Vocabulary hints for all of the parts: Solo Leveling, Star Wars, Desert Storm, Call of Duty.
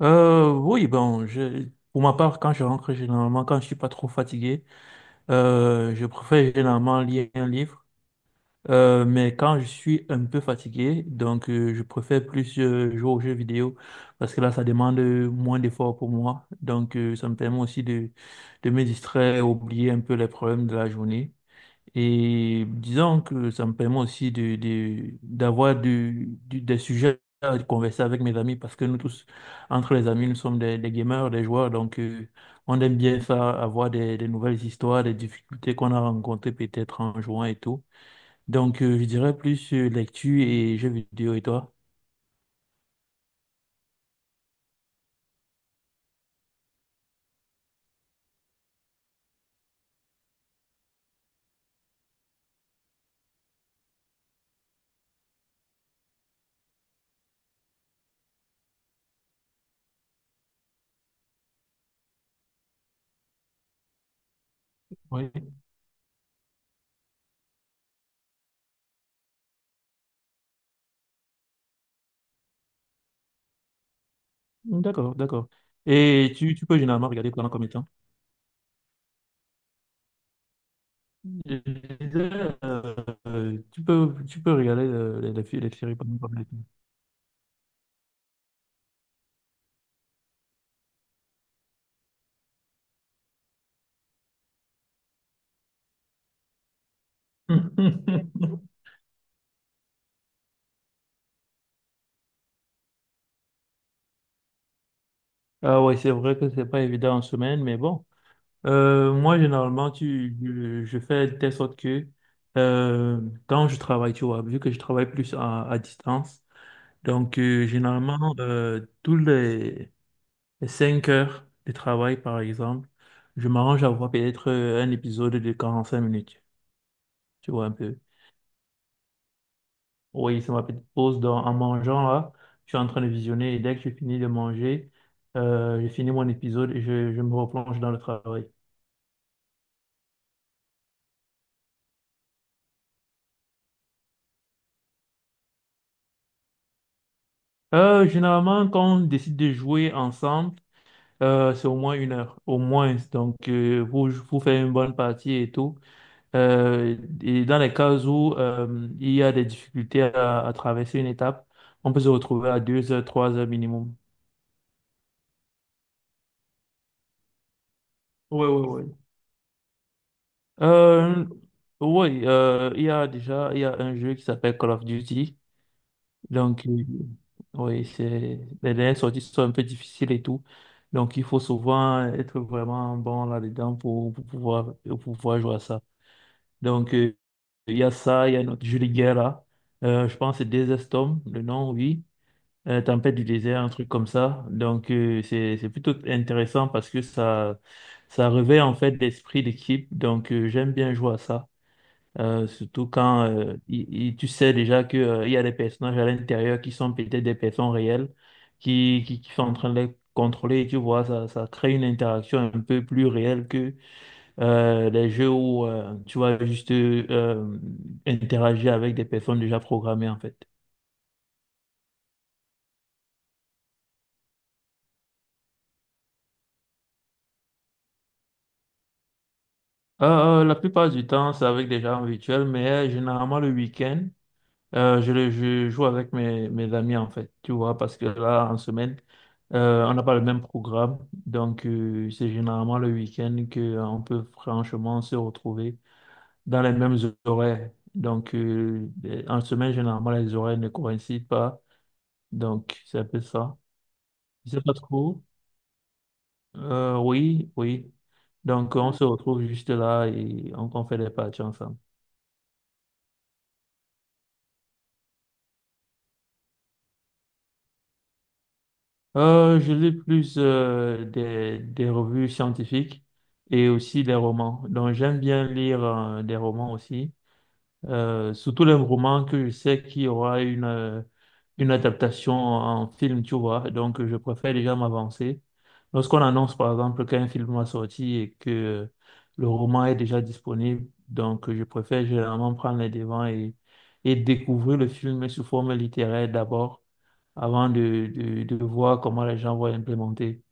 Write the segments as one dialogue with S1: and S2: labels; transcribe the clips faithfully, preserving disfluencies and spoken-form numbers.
S1: Euh, oui, bon, je, pour ma part, quand je rentre, généralement, quand je suis pas trop fatigué, euh, je préfère généralement lire un livre. Euh, mais quand je suis un peu fatigué, donc euh, je préfère plus euh, jouer aux jeux vidéo parce que là, ça demande euh, moins d'efforts pour moi. Donc, euh, ça me permet aussi de, de me distraire, oublier un peu les problèmes de la journée. Et disons que ça me permet aussi de, de- d'avoir du- du- des sujets à converser avec mes amis parce que nous tous, entre les amis, nous sommes des, des gamers, des joueurs, donc euh, on aime bien ça, avoir des, des nouvelles histoires, des difficultés qu'on a rencontrées peut-être en jouant et tout. Donc euh, je dirais plus euh, lecture et jeux vidéo, et toi? Oui, d'accord, d'accord. Et tu, tu peux généralement regarder pendant combien de temps? Je disais, euh, tu peux, tu peux regarder euh, les, les, les séries pendant combien de temps? Ah ouais, c'est vrai que c'est pas évident en semaine, mais bon. Euh, moi, généralement, tu, je, je fais de telle sorte que euh, quand je travaille, tu vois, vu que je travaille plus à, à distance, donc euh, généralement, euh, tous les, les cinq heures de travail, par exemple, je m'arrange à voir peut-être euh, un épisode de quarante-cinq minutes, tu vois un peu. Oui, c'est ma petite pause dans- en mangeant là. Je suis en train de visionner et dès que je finis de manger, euh, j'ai fini mon épisode et je, je me replonge dans le travail. Euh, généralement, quand on décide de jouer ensemble, euh, c'est au moins une heure, au moins. Donc, euh, pour, pour faire une bonne partie et tout. Euh, et dans les cas où euh, il y a des difficultés à, à traverser une étape, on peut se retrouver à deux heures, trois heures minimum. Oui, oui, oui. Euh, oui, euh, il y a déjà il y a un jeu qui s'appelle Call of Duty. Donc, euh, oui, c'est, les dernières sorties sont un peu difficiles et tout. Donc, il faut souvent être vraiment bon là-dedans pour, pour pouvoir, pour pouvoir jouer à ça. Donc, euh, il y a ça, il y a notre jeu de guerre là. Euh, je pense que c'est Desert Storm, le nom, oui. Euh, Tempête du désert, un truc comme ça. Donc, euh, c'est, c'est plutôt intéressant parce que ça, ça réveille en fait l'esprit d'équipe. Donc, euh, j'aime bien jouer à ça. Euh, surtout quand euh, il- il- tu sais déjà que, euh, il y a des personnages à l'intérieur qui sont peut-être des personnes réelles, qui, qui, qui sont en train de les contrôler, et tu vois, ça, ça crée une interaction un peu plus réelle que euh, les jeux où euh, tu vas juste euh, interagir avec des personnes déjà programmées en fait. Euh, euh, la plupart du temps, c'est avec des gens virtuels, mais euh, généralement le week-end, Euh, je, le- je joue avec mes, mes amis en fait, tu vois, parce que là, en semaine, euh, on n'a pas le même programme. Donc, euh, c'est généralement le week-end que euh, on peut franchement se retrouver dans les mêmes horaires. Donc, euh, les- en semaine, généralement, les horaires ne coïncident pas. Donc, c'est un peu ça. Je sais pas trop. Euh, oui, oui. Donc, on se retrouve juste là et on, on fait des parties ensemble. Euh, je lis plus euh, des, des revues scientifiques et aussi des romans. Donc j'aime bien lire euh, des romans aussi. Euh, surtout les romans que je sais qu'il y aura une, euh, une adaptation en film, tu vois. Donc, je préfère déjà m'avancer. Lorsqu'on annonce, par exemple, qu'un film va sortir et que euh, le roman est déjà disponible, donc euh, je préfère généralement prendre les devants et, et découvrir le film sous forme littéraire d'abord, avant de, de, de voir comment les gens vont implémenter.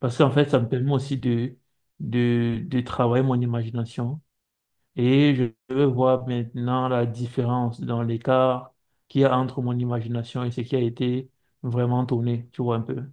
S1: Parce qu'en fait, ça me permet aussi de, de, de travailler mon imagination et je veux voir maintenant la différence dans l'écart qu'il y a entre mon imagination et ce qui a été vraiment tourné, tu vois un peu.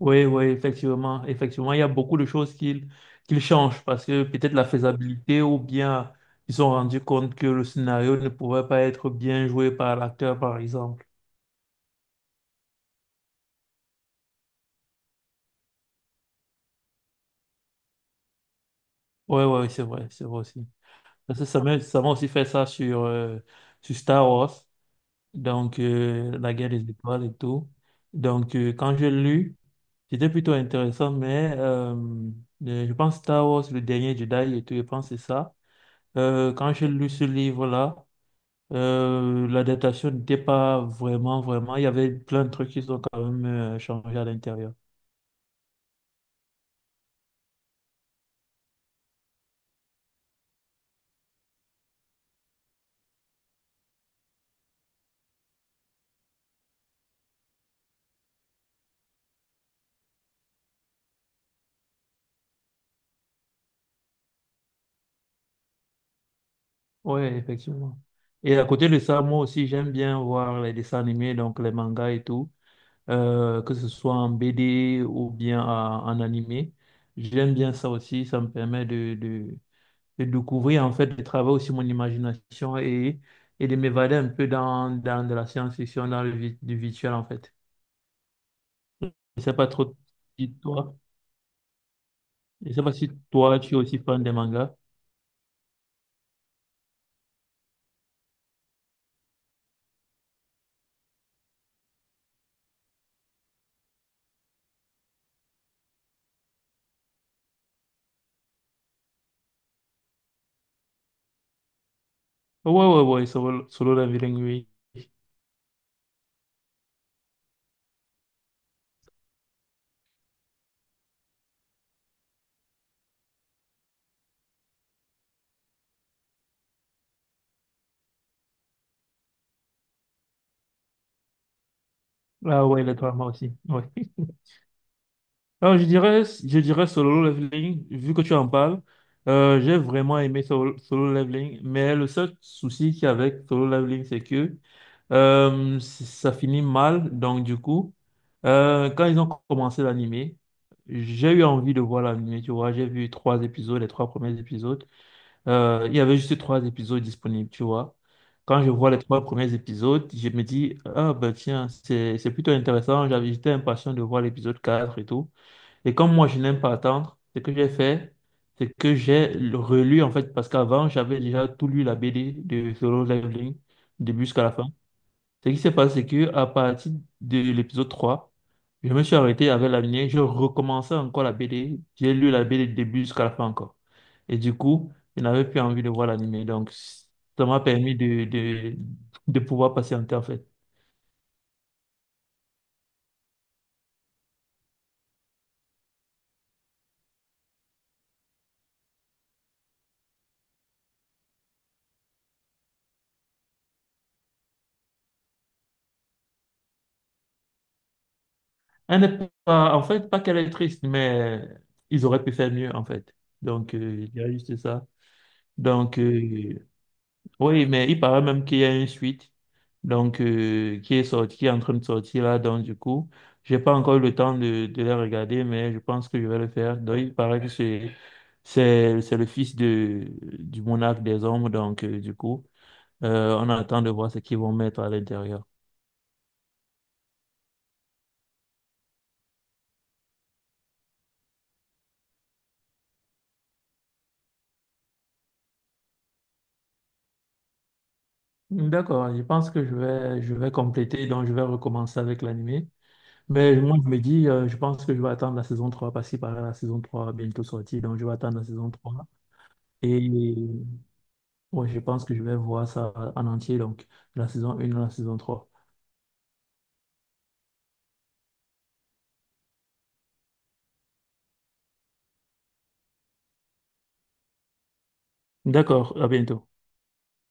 S1: Oui, oui, effectivement, effectivement, il y a beaucoup de choses qu'ils qu'ils changent parce que peut-être la faisabilité ou bien ils se sont rendus compte que le scénario ne pouvait pas être bien joué par l'acteur, par exemple. Oui, oui, oui, c'est vrai, c'est vrai aussi. Parce que ça m'a ça m'a aussi fait ça sur, euh, sur Star Wars, donc euh, la guerre des étoiles et tout. Donc euh, quand j'ai lu... C'était plutôt intéressant, mais euh, le- je pense Star Wars, le dernier Jedi et tout, je pense que c'est ça. Euh, quand j'ai lu ce livre-là, euh, l'adaptation n'était pas vraiment, vraiment. Il y avait plein de trucs qui sont quand même euh, changés à l'intérieur. Oui, effectivement. Et à côté de ça, moi aussi, j'aime bien voir les dessins animés, donc les mangas et tout, euh, que ce soit en B D ou bien en, en animé. J'aime bien ça aussi, ça me permet de de découvrir en fait, de travailler aussi mon imagination et, et de m'évader un peu dans, dans de la science-fiction, dans le vi- du virtuel en fait. Je sais pas trop si toi, je sais pas si toi tu es aussi fan des mangas. Ouais, ouais, ouais, Solo, Solo Leveling, oui. Ah ouais, le drama aussi, ouais. Alors, je dirais, je dirais Solo Leveling, vu que tu en parles. Euh, j'ai vraiment aimé Solo, Solo Leveling, mais le seul souci qu'il y a avec Solo Leveling, c'est que euh, c- ça finit mal. Donc, du coup, euh, quand ils ont commencé l'animé, j'ai eu envie de voir l'animé, tu vois. J'ai vu trois épisodes, les trois premiers épisodes. Euh, il y avait juste trois épisodes disponibles, tu vois. Quand je vois les trois premiers épisodes, je me dis, ah ben tiens, c'est c'est plutôt intéressant. J'avais, j'étais impatient de voir l'épisode quatre et tout. Et comme moi, je n'aime pas attendre, ce que j'ai fait, c'est que j'ai relu, en fait, parce qu'avant, j'avais déjà tout lu la B D de Solo Leveling, début jusqu'à la fin. Ce qui s'est passé, c'est que à partir de l'épisode trois, je me suis arrêté avec la mienne, je recommençais encore la B D, j'ai lu la B D du début jusqu'à la fin encore. Et du coup, je n'avais plus envie de voir l'animé. Donc, ça m'a permis de, de, de pouvoir patienter, en fait. Elle n'est pas, en fait, pas qu'elle est triste, mais ils auraient pu faire mieux, en fait. Donc, euh, il y a juste ça. Donc, euh, oui, mais il paraît même qu'il y a une suite, donc, euh, qui est sortie, qui est en train de sortir là. Donc, du coup, j'ai pas encore eu le temps de, de la regarder, mais je pense que je vais le faire. Donc, il paraît que c'est, c'est, c'est le fils de, du monarque des hommes. Donc, euh, du coup, euh, on attend de voir ce qu'ils vont mettre à l'intérieur. D'accord, je pense que je vais, je vais compléter, donc je vais recommencer avec l'animé. Mais moi, je me dis, euh, je pense que je vais attendre la saison trois parce qu'il paraît la saison trois bientôt sortie. Donc, je vais attendre la saison trois. Et ouais, je pense que je vais voir ça en entier. Donc, de la saison un à la saison trois. D'accord, à bientôt.